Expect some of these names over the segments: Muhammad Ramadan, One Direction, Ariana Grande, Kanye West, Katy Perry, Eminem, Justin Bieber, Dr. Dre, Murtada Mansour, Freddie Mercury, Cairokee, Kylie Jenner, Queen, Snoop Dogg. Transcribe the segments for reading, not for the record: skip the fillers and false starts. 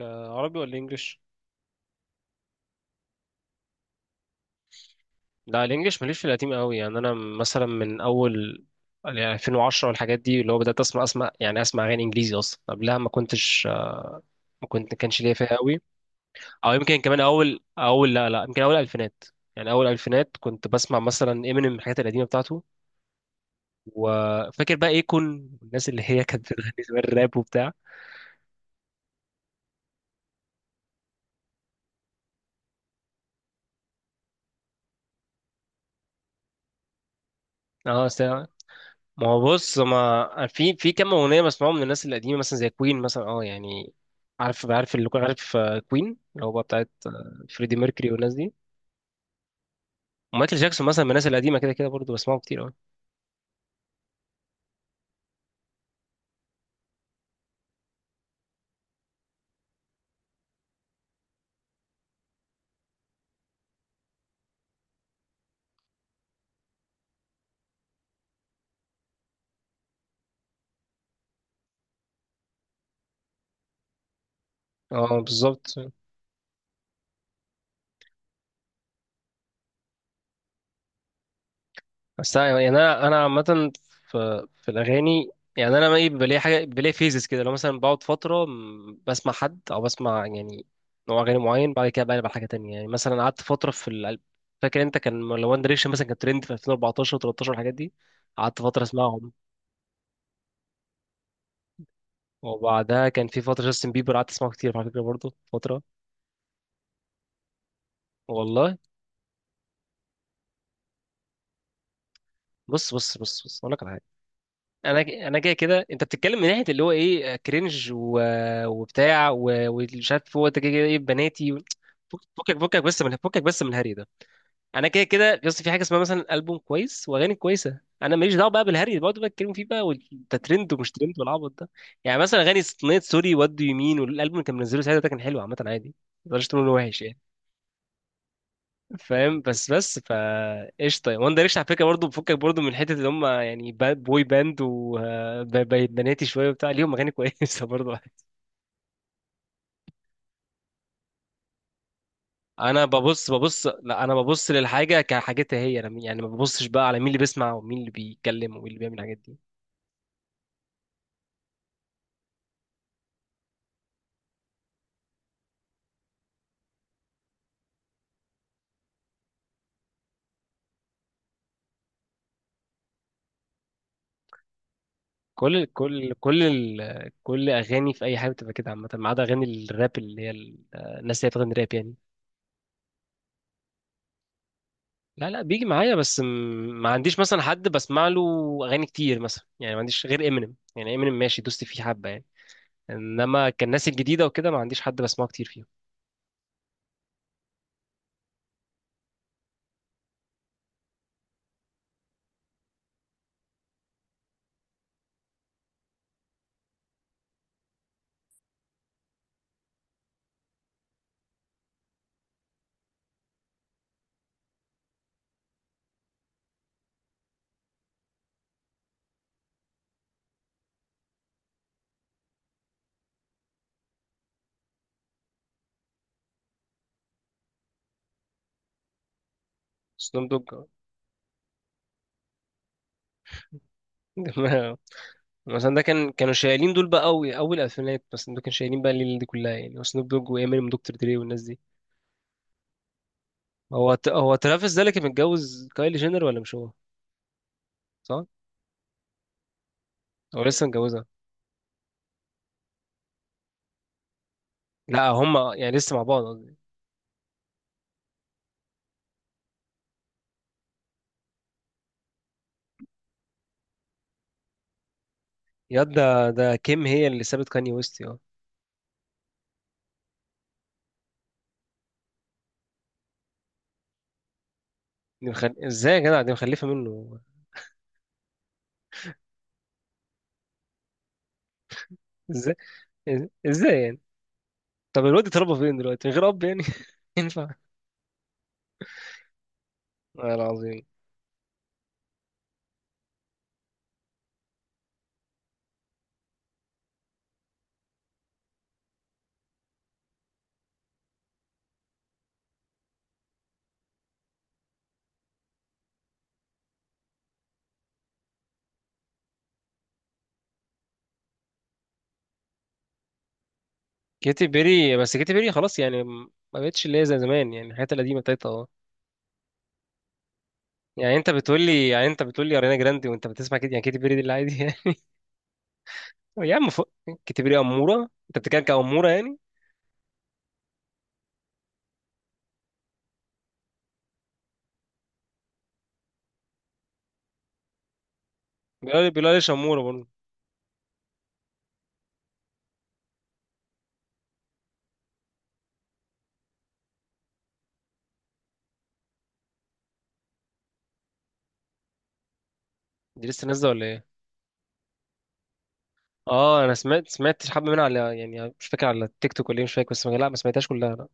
عربي ولا انجليش؟ لا، الانجليش ماليش في القديم قوي، يعني انا مثلا من اول، يعني 2010 والحاجات دي اللي هو بدات اسمع يعني اسمع اغاني انجليزي، اصلا قبلها ما كنتش. ما كانش ليا فيها قوي. او يمكن كمان اول لا لا، يمكن اول الفينات. يعني اول الفينات كنت بسمع مثلا امينيم، الحاجات القديمه بتاعته. وفاكر بقى ايكون والناس اللي هي كانت بتغني زمان الراب وبتاع. اه، ما هو بص، ما في كام اغنيه بسمعهم من الناس القديمه، مثلا زي كوين مثلا، اه يعني. عارف اللي عارف كوين، اللي هو بقى بتاعت فريدي ميركوري والناس دي. ومايكل جاكسون مثلا، من الناس القديمه كده كده برضه بسمعهم كتير قوي. اه بالظبط. بس يعني انا عامه، في الاغاني، يعني انا ايه، بيبقى ليا حاجه، بيبقى ليا فيزز كده، لو مثلا بقعد فتره بسمع حد او بسمع يعني نوع اغاني معين، بعد كده بقلب على حاجه تانية. يعني مثلا قعدت فتره في فاكر انت، كان لو وان دايركشن مثلا كان ترند في 2014 و13، الحاجات دي قعدت فتره اسمعهم. وبعدها كان في فتره جاستن بيبر، قعدت اسمعه كتير على فكره برضه فتره. والله بص بص بص بص، اقول لك على حاجه. انا جاي كده، انت بتتكلم من ناحيه اللي هو ايه، كرنج وبتاع ومش عارف. هو انت كده كده ايه، بناتي فكك فكك بس من الهري ده. انا كده كده، بس في حاجه اسمها مثلا البوم كويس واغاني كويسه، انا ماليش دعوه بقى بالهري اللي بقعدوا بقى يتكلموا فيه بقى، وانت ترند ومش ترند والعبط ده. يعني مثلا اغنيه سوري وات دو يو مين، والالبوم اللي كان منزله ساعتها ده كان حلو، عامه عادي، ما تقدرش تقول انه وحش يعني. فاهم، بس فا قشطه، وان دايركشن على فكره برضه بفكك برضه من حته اللي هم يعني بوي باند وبناتي شويه وبتاع، ليهم اغاني كويسه برضه. انا ببص، لا انا ببص للحاجه كحاجتها هي، انا يعني ما ببصش بقى على مين اللي بيسمع ومين اللي بيتكلم ومين اللي بيعمل الحاجات دي. كل اغاني في اي حاجه بتبقى كده عامه، ما عدا اغاني الراب اللي هي الناس اللي هي بتغني راب يعني. لا لا، بيجي معايا، ما عنديش مثلا حد بسمع له اغاني كتير مثلا يعني، ما عنديش غير امينيم. يعني امينيم ماشي، دوست فيه حبه يعني. انما كان الناس الجديده وكده ما عنديش حد بسمعه كتير فيهم. سنوب دوج. مثلا ده كان، كانوا شايلين دول بقى قوي اول الفينات، بس دول كانوا شايلين بقى الليله دي كلها يعني، وسنوب دوج وامينيم دكتور دري والناس دي. هو ترافيس ده اللي كان متجوز كايلي جينر ولا مش هو؟ صح. هو لسه متجوزها؟ لا، هما يعني لسه مع بعض قصدي. ياد، ده كيم هي اللي سابت كاني ويست، اه. ازاي يا جدع، دي مخلفه منه. ازاي ازاي يعني؟ طب الواد اتربى فين دلوقتي من غير اب يعني؟ ينفع؟ والله العظيم. كيتي بيري، بس كيتي بيري خلاص يعني ما بقتش اللي هي زي زمان، يعني الحاجات القديمه بتاعتها اه. يعني انت بتقول لي اريانا جراندي وانت بتسمع كده، يعني كيتي بيري دي اللي عادي يعني؟ يا عم فوق، كيتي بيري اموره، انت بتتكلم كاموره يعني؟ بيقول ليش اموره برضه. دي لسه نازله ولا ايه؟ اه، انا سمعت حبه منها على، يعني مش فاكر، على التيك توك ولا ايه مش فاكر، بس لا ما سمعتهاش كلها لا.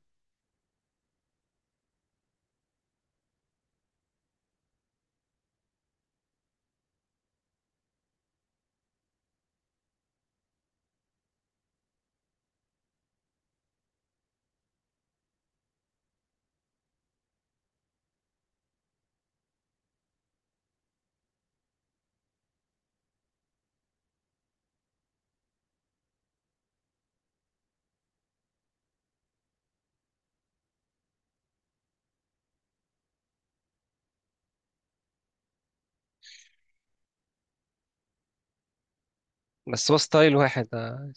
بس هو ستايل واحد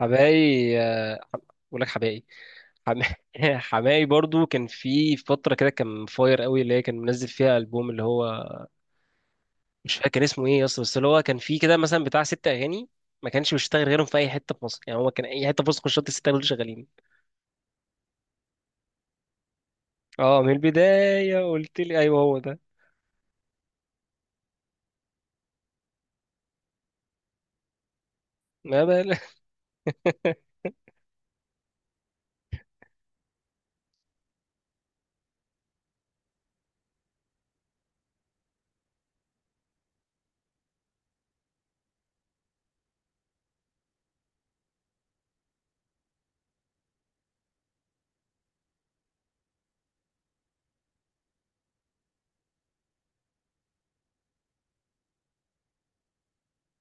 حبائي. بقول لك حبائي. حم... حماي برضو كان في فترة كده كان فاير قوي، اللي هي كان منزل فيها ألبوم اللي هو مش فاكر كان اسمه ايه اصلا، بس اللي هو كان في كده مثلا بتاع ست أغاني ما كانش بيشتغل غيرهم في أي حتة في مصر. يعني هو كان أي حتة في مصر كنت شرط الست أغاني دول شغالين. اه من البداية، قلت لي أيوه هو ده. ما بال.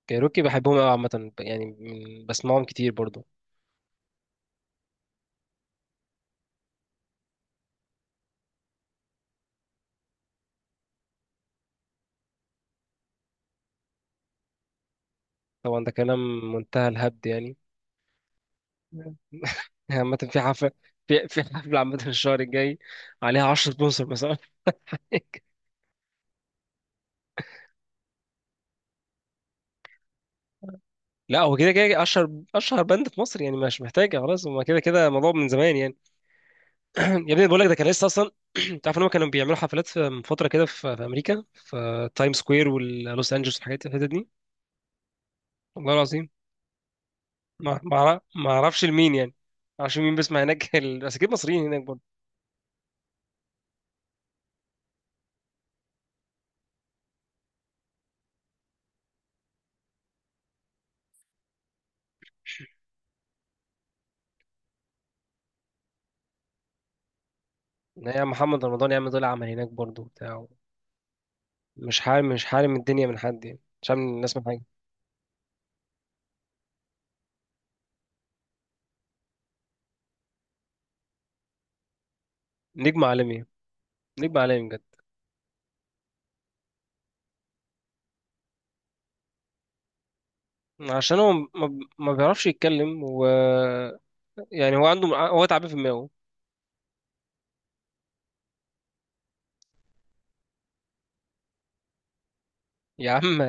كايروكي بحبهم قوي عامة يعني، بسمعهم كتير برضو. طبعا ده كلام منتهى الهبد يعني. عامة في حفلة، في حفلة عامة الشهر الجاي عليها 10 سبونسر مثلا. لا هو كده كده اشهر باند في مصر، يعني مش محتاجه خلاص، هما كده كده الموضوع من زمان يعني. يا ابني بقول لك ده كان لسه اصلا. تعرف ان هم كانوا بيعملوا حفلات في، من فتره كده، في امريكا، في تايم سكوير ولوس انجلوس والحاجات الحتت دي. والله العظيم. ما اعرفش لمين يعني. ما اعرفش مين بيسمع هناك. بس اكيد مصريين هناك برضه. يا محمد رمضان، يعمل دول، عمل هناك برضه بتاع. مش حارم الدنيا من حد يعني، مش حارم الناس من حاجه. نجم عالمي يعني، نجم عالمي بجد. عشان هو ما بيعرفش يتكلم، و... يعني هو عنده، هو تعبان في دماغه. يا عم،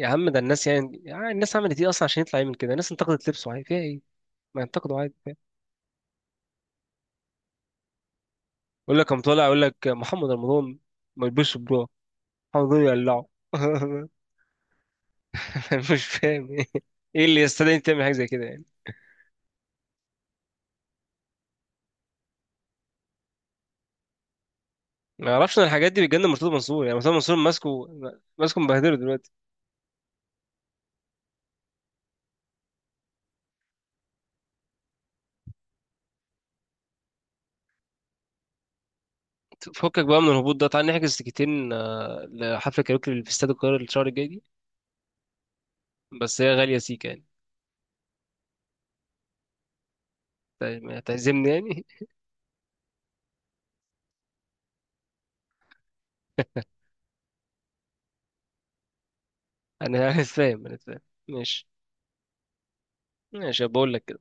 يا عم، ده الناس يعني، الناس عملت ايه اصلا عشان يطلع يعمل كده؟ الناس انتقدت لبسه، عادي فيها ايه؟ ما ينتقدوا عادي فيها. يقول لك قام طالع يقول لك محمد رمضان ما يلبسش برو. محمد رمضان يقلعه. مش فاهم ايه. ايه اللي يستدعي انت تعمل حاجه زي كده يعني؟ ما اعرفش ان الحاجات دي بتجنن مرتضى منصور يعني، مرتضى منصور ماسكه، ماسكه مبهدله دلوقتي. فكك بقى من الهبوط ده، تعال نحجز تيكتين لحفله كاريوكي اللي في استاد القاهره الشهر الجاي دي. بس هي غاليه سيكا يعني. طيب، هتعزمني يعني؟ انا أنا فاهم. ماشي. ماشي، بقول لك كده.